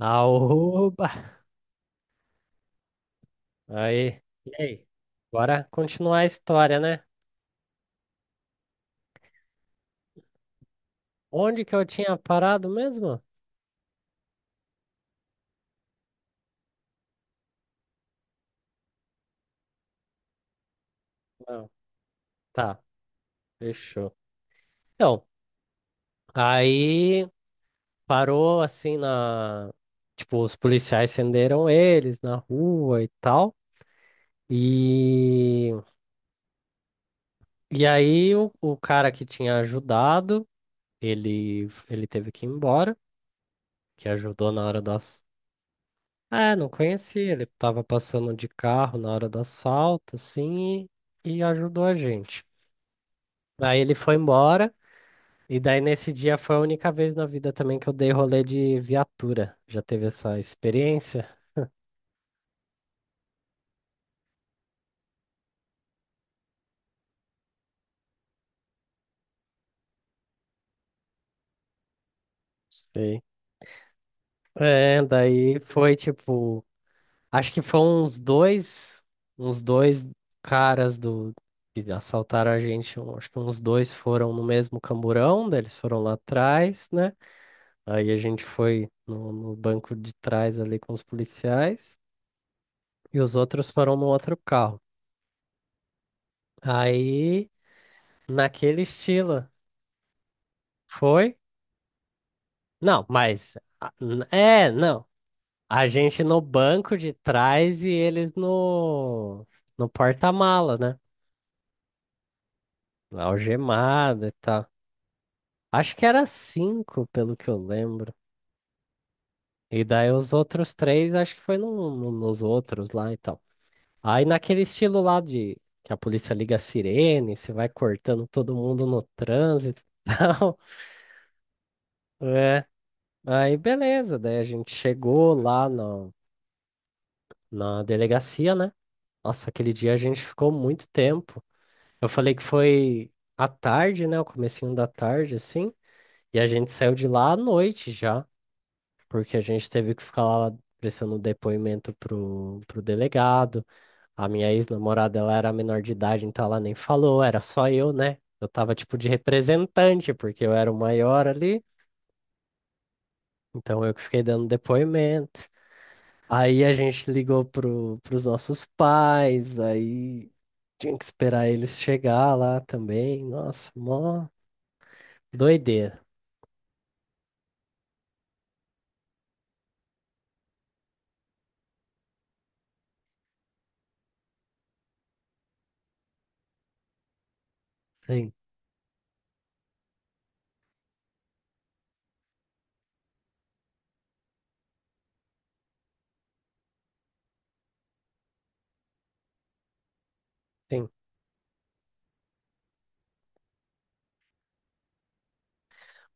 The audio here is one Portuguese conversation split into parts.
Aoba! Aí, e aí? Bora continuar a história, né? Onde que eu tinha parado mesmo? Não. Tá, fechou. Então, aí parou assim na. Tipo, os policiais acenderam eles na rua e tal. E, e aí o cara que tinha ajudado, ele teve que ir embora, que ajudou na hora do, é, não conheci. Ele tava passando de carro na hora do assalto, assim, e ajudou a gente. Aí ele foi embora, e daí nesse dia foi a única vez na vida também que eu dei rolê de viatura. Já teve essa experiência? Sei. É, daí foi tipo, acho que foram uns dois caras do que assaltaram a gente, acho que uns dois foram no mesmo camburão, daí eles foram lá atrás, né? Aí a gente foi no banco de trás ali com os policiais e os outros foram no outro carro. Aí, naquele estilo, foi? Não, mas. Ah, é, não. A gente no banco de trás e eles no porta-mala, né? Algemada e tal. Acho que era cinco, pelo que eu lembro. E daí os outros três, acho que foi nos outros lá e tal. Aí naquele estilo lá de que a polícia liga a sirene, você vai cortando todo mundo no trânsito e tal. É. Aí beleza, daí a gente chegou lá na delegacia, né? Nossa, aquele dia a gente ficou muito tempo. Eu falei que foi à tarde, né? O comecinho da tarde, assim. E a gente saiu de lá à noite já, porque a gente teve que ficar lá prestando depoimento pro delegado. A minha ex-namorada, ela era menor de idade, então ela nem falou, era só eu, né? Eu tava tipo de representante, porque eu era o maior ali, então eu que fiquei dando depoimento. Aí a gente ligou pros nossos pais, aí tinha que esperar eles chegar lá também. Nossa, mó doideira. Sim, sim.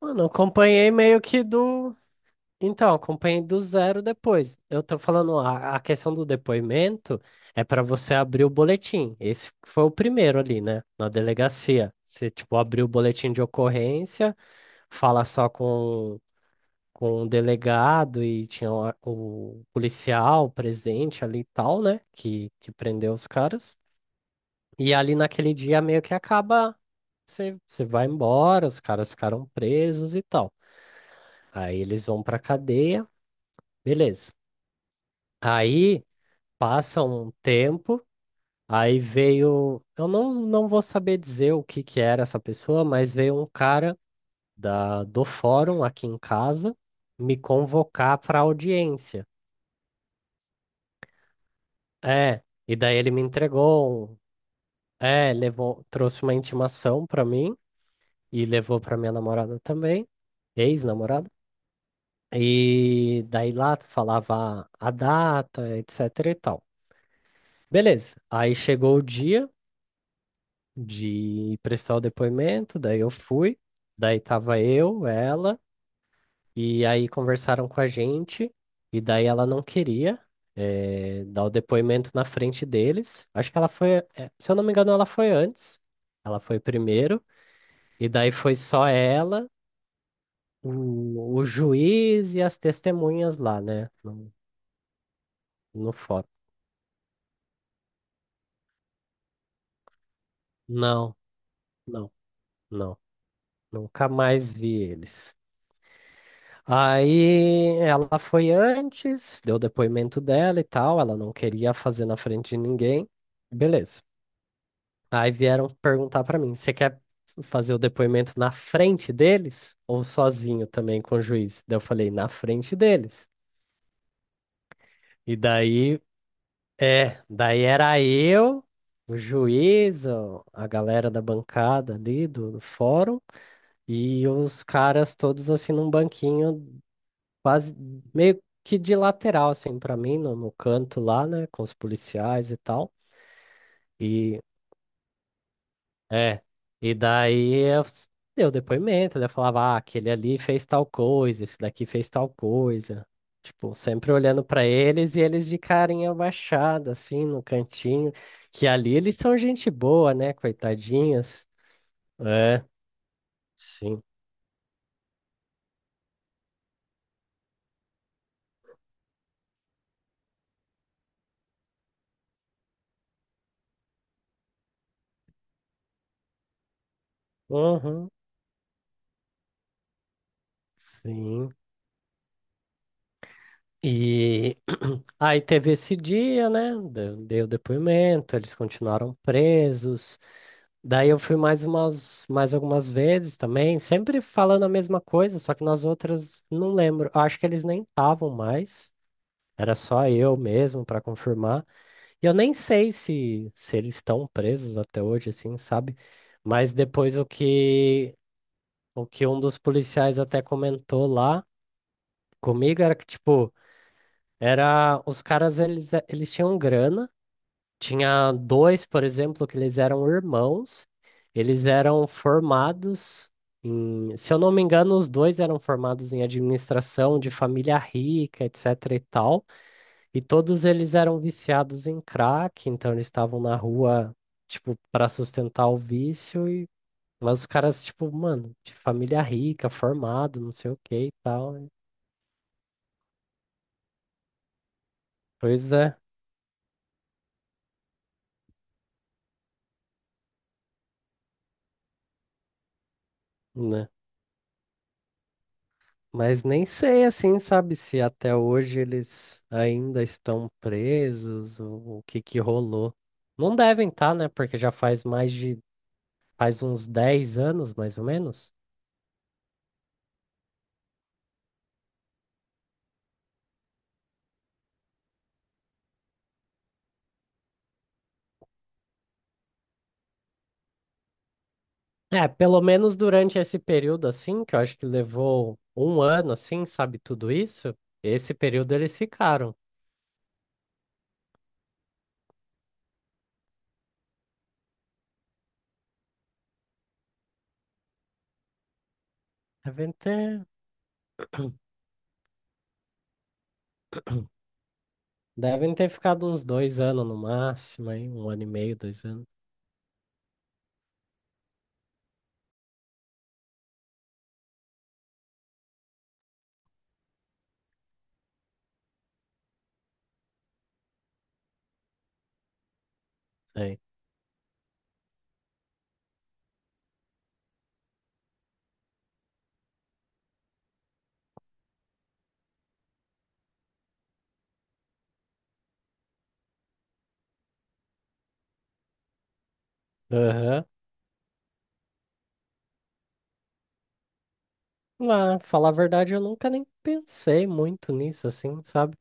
Mano, eu acompanhei meio que do. Então, acompanhei do zero depois. Eu tô falando, a questão do depoimento é para você abrir o boletim. Esse foi o primeiro ali, né? Na delegacia. Você, tipo, abriu o boletim de ocorrência, fala só com o delegado e tinha o policial presente ali e tal, né? Que prendeu os caras. E ali naquele dia meio que acaba, você vai embora, os caras ficaram presos e tal. Aí eles vão pra cadeia, beleza. Aí. Passa um tempo, aí veio. Eu não vou saber dizer o que que era essa pessoa, mas veio um cara do fórum aqui em casa me convocar para audiência. É, e daí ele me entregou. É, trouxe uma intimação para mim e levou para minha namorada também, ex-namorada. E daí lá falava a data, etc e tal. Beleza, aí chegou o dia de prestar o depoimento, daí eu fui, daí tava eu, ela, e aí conversaram com a gente, e daí ela não queria dar o depoimento na frente deles. Acho que ela foi, se eu não me engano, ela foi antes, ela foi primeiro, e daí foi só ela, o juiz e as testemunhas lá, né, no fórum. Não, não, não, nunca mais vi eles. Aí ela foi antes, deu o depoimento dela e tal, ela não queria fazer na frente de ninguém. Beleza. Aí vieram perguntar pra mim: você quer fazer o depoimento na frente deles ou sozinho também com o juiz? Daí eu falei: na frente deles. E daí, daí era eu, o juiz, a galera da bancada ali do fórum e os caras todos assim num banquinho quase meio que de lateral, assim, pra mim, no canto lá, né, com os policiais e tal. E é, e daí eu deu depoimento, daí eu falava, ah, aquele ali fez tal coisa, esse daqui fez tal coisa. Tipo, sempre olhando pra eles e eles de carinha baixada, assim, no cantinho. Que ali eles são gente boa, né, coitadinhas. É, sim. Uhum, sim. E aí teve esse dia, né? Dei o depoimento, eles continuaram presos. Daí eu fui mais algumas vezes também, sempre falando a mesma coisa, só que nas outras não lembro. Acho que eles nem estavam mais. Era só eu mesmo para confirmar. E eu nem sei se eles estão presos até hoje, assim, sabe? Mas depois o que um dos policiais até comentou lá comigo era que, tipo, era, os caras, eles tinham grana. Tinha dois, por exemplo, que eles eram irmãos. Eles eram formados em, se eu não me engano, os dois eram formados em administração de família rica, etc e tal. E todos eles eram viciados em crack, então eles estavam na rua, tipo, para sustentar o vício e mas os caras, tipo, mano, de família rica, formado, não sei o que e tal. Pois é, né? Mas nem sei, assim, sabe, se até hoje eles ainda estão presos, ou o que que rolou. Não devem estar, né? Porque já faz faz uns 10 anos, mais ou menos. É, pelo menos durante esse período, assim, que eu acho que levou um ano, assim, sabe, tudo isso, esse período eles ficaram. Devem ter, devem ter ficado uns 2 anos no máximo, aí, um ano e meio, 2 anos. Aí. Lá, falar a verdade, eu nunca nem pensei muito nisso, assim, sabe?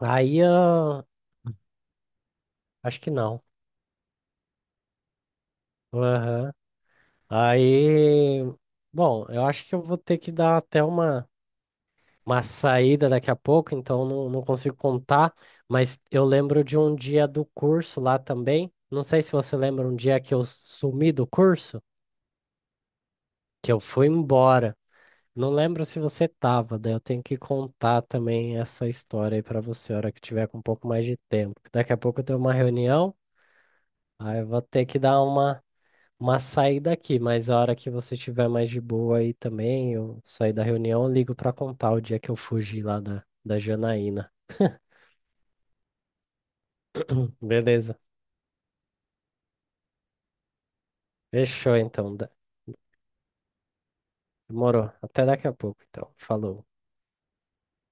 Aí eu acho que não. Aham. Aí, bom, eu acho que eu vou ter que dar até uma saída daqui a pouco, então não consigo contar, mas eu lembro de um dia do curso lá também. Não sei se você lembra um dia que eu sumi do curso, que eu fui embora. Não lembro se você tava, daí eu tenho que contar também essa história aí pra você, a hora que tiver com um pouco mais de tempo. Daqui a pouco eu tenho uma reunião, aí eu vou ter que dar uma saída aqui, mas a hora que você tiver mais de boa aí também, eu sair da reunião, eu ligo pra contar o dia que eu fugi lá da Janaína. Beleza, fechou então. Demorou. Até daqui a pouco, então. Falou.